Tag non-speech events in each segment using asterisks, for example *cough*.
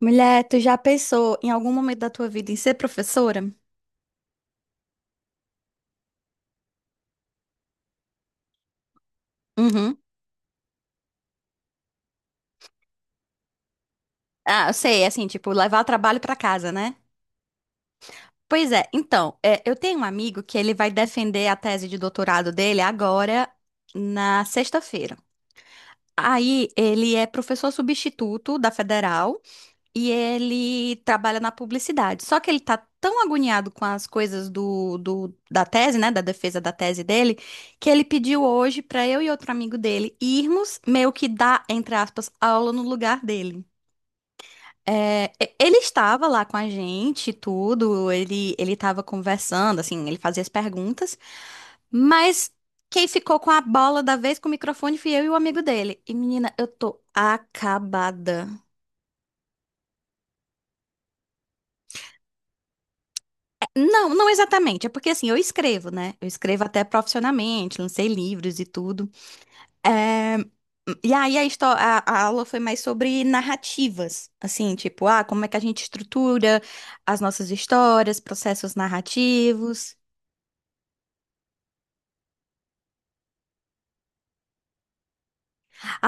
Mulher, tu já pensou em algum momento da tua vida em ser professora? Uhum. Ah, eu sei, assim, tipo, levar o trabalho pra casa, né? Pois é, então, é, eu tenho um amigo que ele vai defender a tese de doutorado dele agora na sexta-feira. Aí ele é professor substituto da Federal. E ele trabalha na publicidade. Só que ele tá tão agoniado com as coisas da tese, né, da defesa da tese dele, que ele pediu hoje pra eu e outro amigo dele irmos meio que dar, entre aspas, aula no lugar dele. É, ele estava lá com a gente, e tudo, ele estava conversando, assim, ele fazia as perguntas, mas quem ficou com a bola da vez com o microfone fui eu e o amigo dele. E menina, eu tô acabada. Não, não exatamente. É porque assim, eu escrevo, né? Eu escrevo até profissionalmente, lancei livros e tudo. É, e aí a aula foi mais sobre narrativas, assim, tipo, ah, como é que a gente estrutura as nossas histórias, processos narrativos.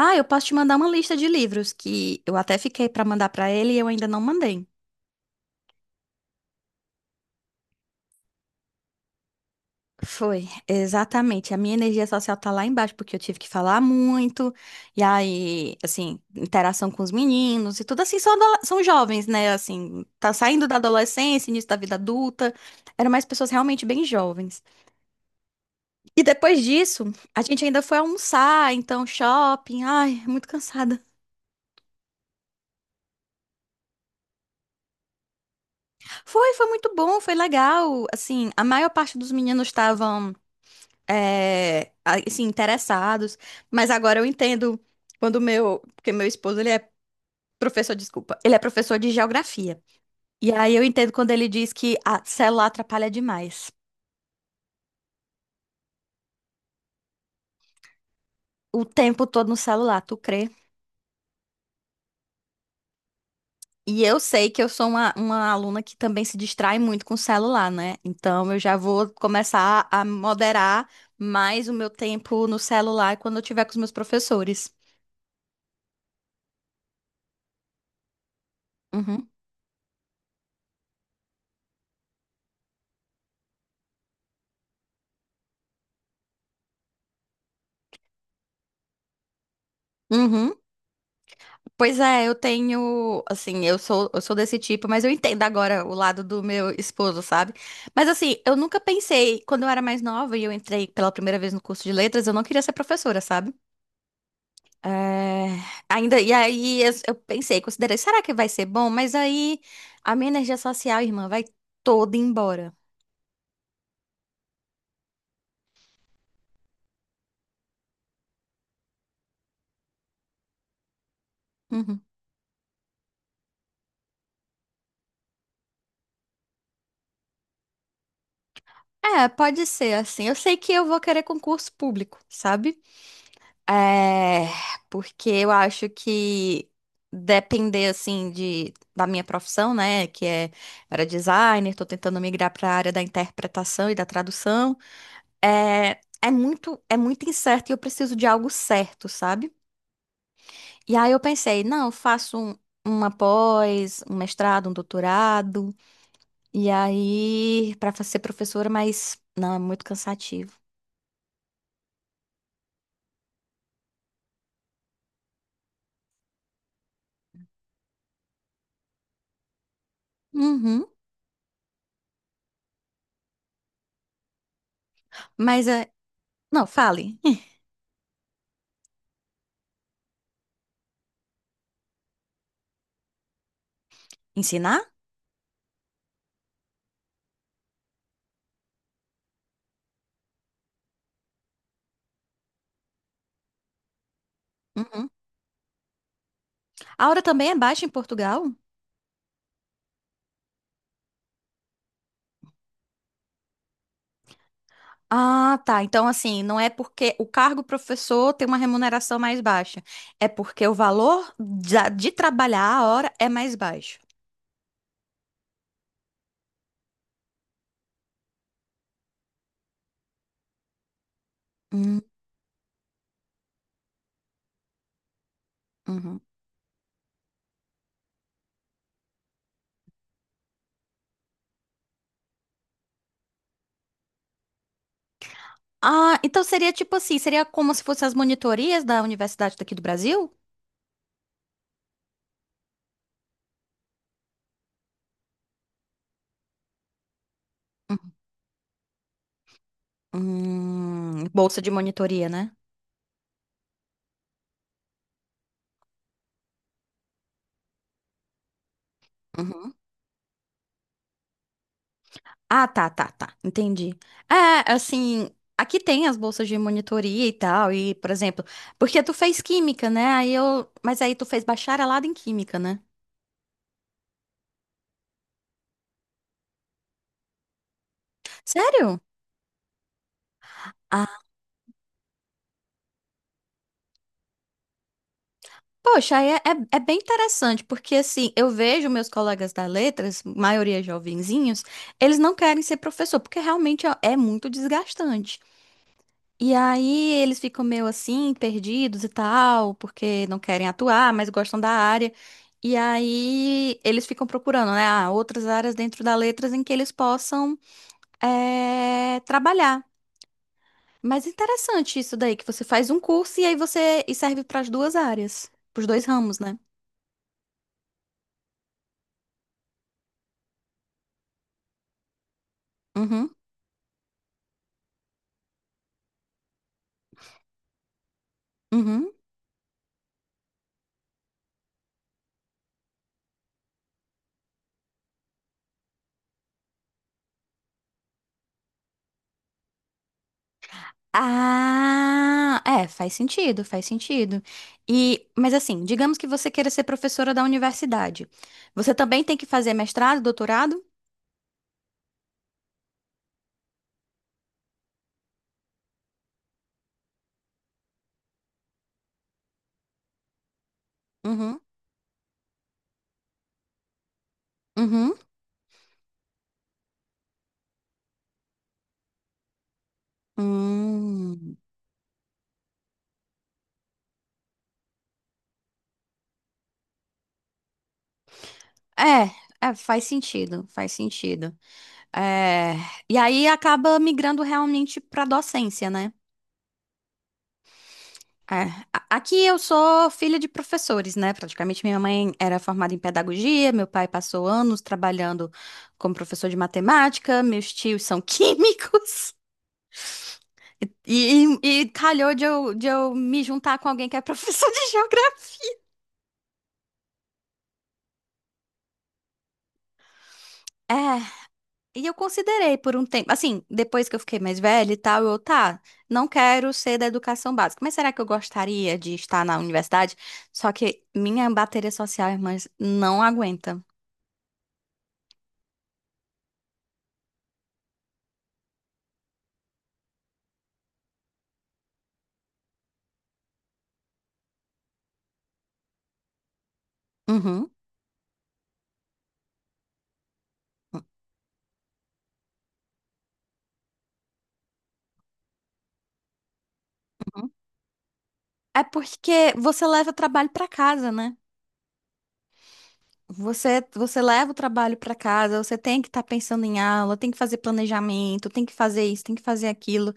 Ah, eu posso te mandar uma lista de livros que eu até fiquei pra mandar pra ele e eu ainda não mandei. Foi, exatamente. A minha energia social tá lá embaixo, porque eu tive que falar muito, e aí, assim, interação com os meninos e tudo assim, são, são jovens, né? Assim, tá saindo da adolescência, início da vida adulta. Eram mais pessoas realmente bem jovens. E depois disso, a gente ainda foi almoçar, então shopping. Ai, muito cansada. Foi, foi muito bom, foi legal. Assim, a maior parte dos meninos estavam. É, assim, interessados. Mas agora eu entendo quando meu, porque meu esposo, ele é professor, desculpa, ele é professor de geografia. E aí eu entendo quando ele diz que a celular atrapalha demais. O tempo todo no celular, tu crê? E eu sei que eu sou uma aluna que também se distrai muito com o celular, né? Então eu já vou começar a moderar mais o meu tempo no celular quando eu tiver com os meus professores. Uhum. Uhum. Pois é, eu tenho, assim, eu sou desse tipo, mas eu entendo agora o lado do meu esposo, sabe? Mas assim, eu nunca pensei, quando eu era mais nova e eu entrei pela primeira vez no curso de letras, eu não queria ser professora, sabe? É, ainda, e aí eu pensei, considerei, será que vai ser bom? Mas aí a minha energia social, irmã, vai toda embora. Uhum. É, pode ser assim. Eu sei que eu vou querer concurso público, sabe? É, porque eu acho que depender assim de da minha profissão, né, que é era designer, tô tentando migrar para a área da interpretação e da tradução, é muito é muito incerto e eu preciso de algo certo, sabe? E aí eu pensei, não, eu faço um, uma pós, um mestrado, um doutorado, e aí para ser professora, mas não, é muito cansativo. Uhum. Mas é, não, fale. *laughs* Ensinar? Uhum. A hora também é baixa em Portugal? Ah, tá. Então, assim, não é porque o cargo professor tem uma remuneração mais baixa. É porque o valor de trabalhar a hora é mais baixo. Hum, uhum. Ah, então seria tipo assim, seria como se fossem as monitorias da universidade daqui do Brasil? Uhum. Bolsa de monitoria, né? Uhum. Ah, tá, tá, tá. Entendi. É, assim, aqui tem as bolsas de monitoria e tal, e, por exemplo, porque tu fez química, né? Aí eu, mas aí tu fez bacharelado em química, né? Sério? Poxa, aí é, é bem interessante, porque assim, eu vejo meus colegas da letras, maioria jovenzinhos, eles não querem ser professor, porque realmente é muito desgastante. E aí eles ficam meio assim, perdidos e tal, porque não querem atuar, mas gostam da área. E aí eles ficam procurando, né, ah, outras áreas dentro da letras em que eles possam trabalhar. Mas interessante isso daí, que você faz um curso e aí você e serve para as duas áreas, para os dois ramos, né? Uhum, uhum. Ah, é, faz sentido, faz sentido. E, mas assim, digamos que você queira ser professora da universidade. Você também tem que fazer mestrado, doutorado? Uhum, uhum. Hum. É, faz sentido, faz sentido. É, e aí acaba migrando realmente para docência, né? É, aqui eu sou filha de professores, né? Praticamente minha mãe era formada em pedagogia, meu pai passou anos trabalhando como professor de matemática, meus tios são *laughs* químicos. E, e calhou de eu me juntar com alguém que é professor de *laughs* geografia. É, e eu considerei por um tempo, assim, depois que eu fiquei mais velha e tal, eu, tá, não quero ser da educação básica, mas será que eu gostaria de estar na universidade? Só que minha bateria social, irmãs, não aguenta. Uhum. uhum. É porque você leva o trabalho para casa, né? Você leva o trabalho para casa, você tem que estar pensando em aula, tem que fazer planejamento, tem que fazer isso, tem que fazer aquilo.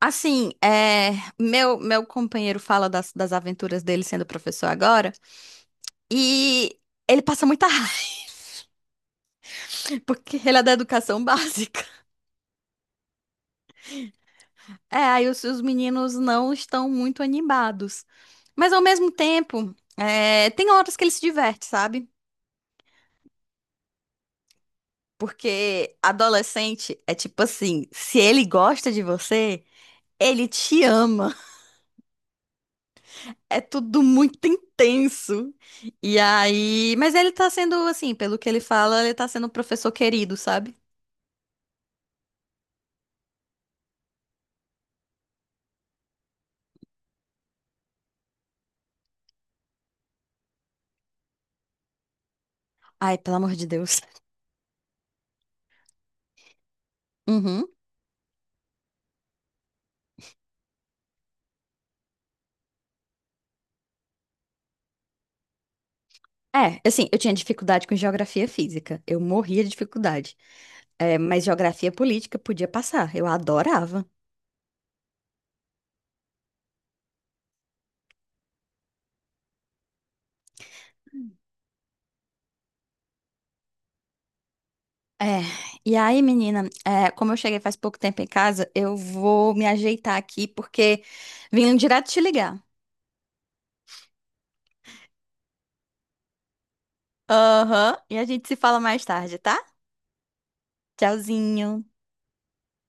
Assim, é, meu companheiro fala das aventuras dele sendo professor agora, e ele passa muita raiva, *laughs* porque ele é da educação básica. É, aí os meninos não estão muito animados. Mas ao mesmo tempo, é, tem horas que ele se diverte, sabe? Porque adolescente é tipo assim, se ele gosta de você, ele te ama. É tudo muito intenso. E aí, mas ele tá sendo assim, pelo que ele fala, ele tá sendo um professor querido, sabe? Ai, pelo amor de Deus. Uhum. É, assim, eu tinha dificuldade com geografia física. Eu morria de dificuldade. É, mas geografia política podia passar. Eu adorava. É, e aí, menina, é, como eu cheguei faz pouco tempo em casa, eu vou me ajeitar aqui porque vim direto te ligar. Aham, e a gente se fala mais tarde, tá? Tchauzinho.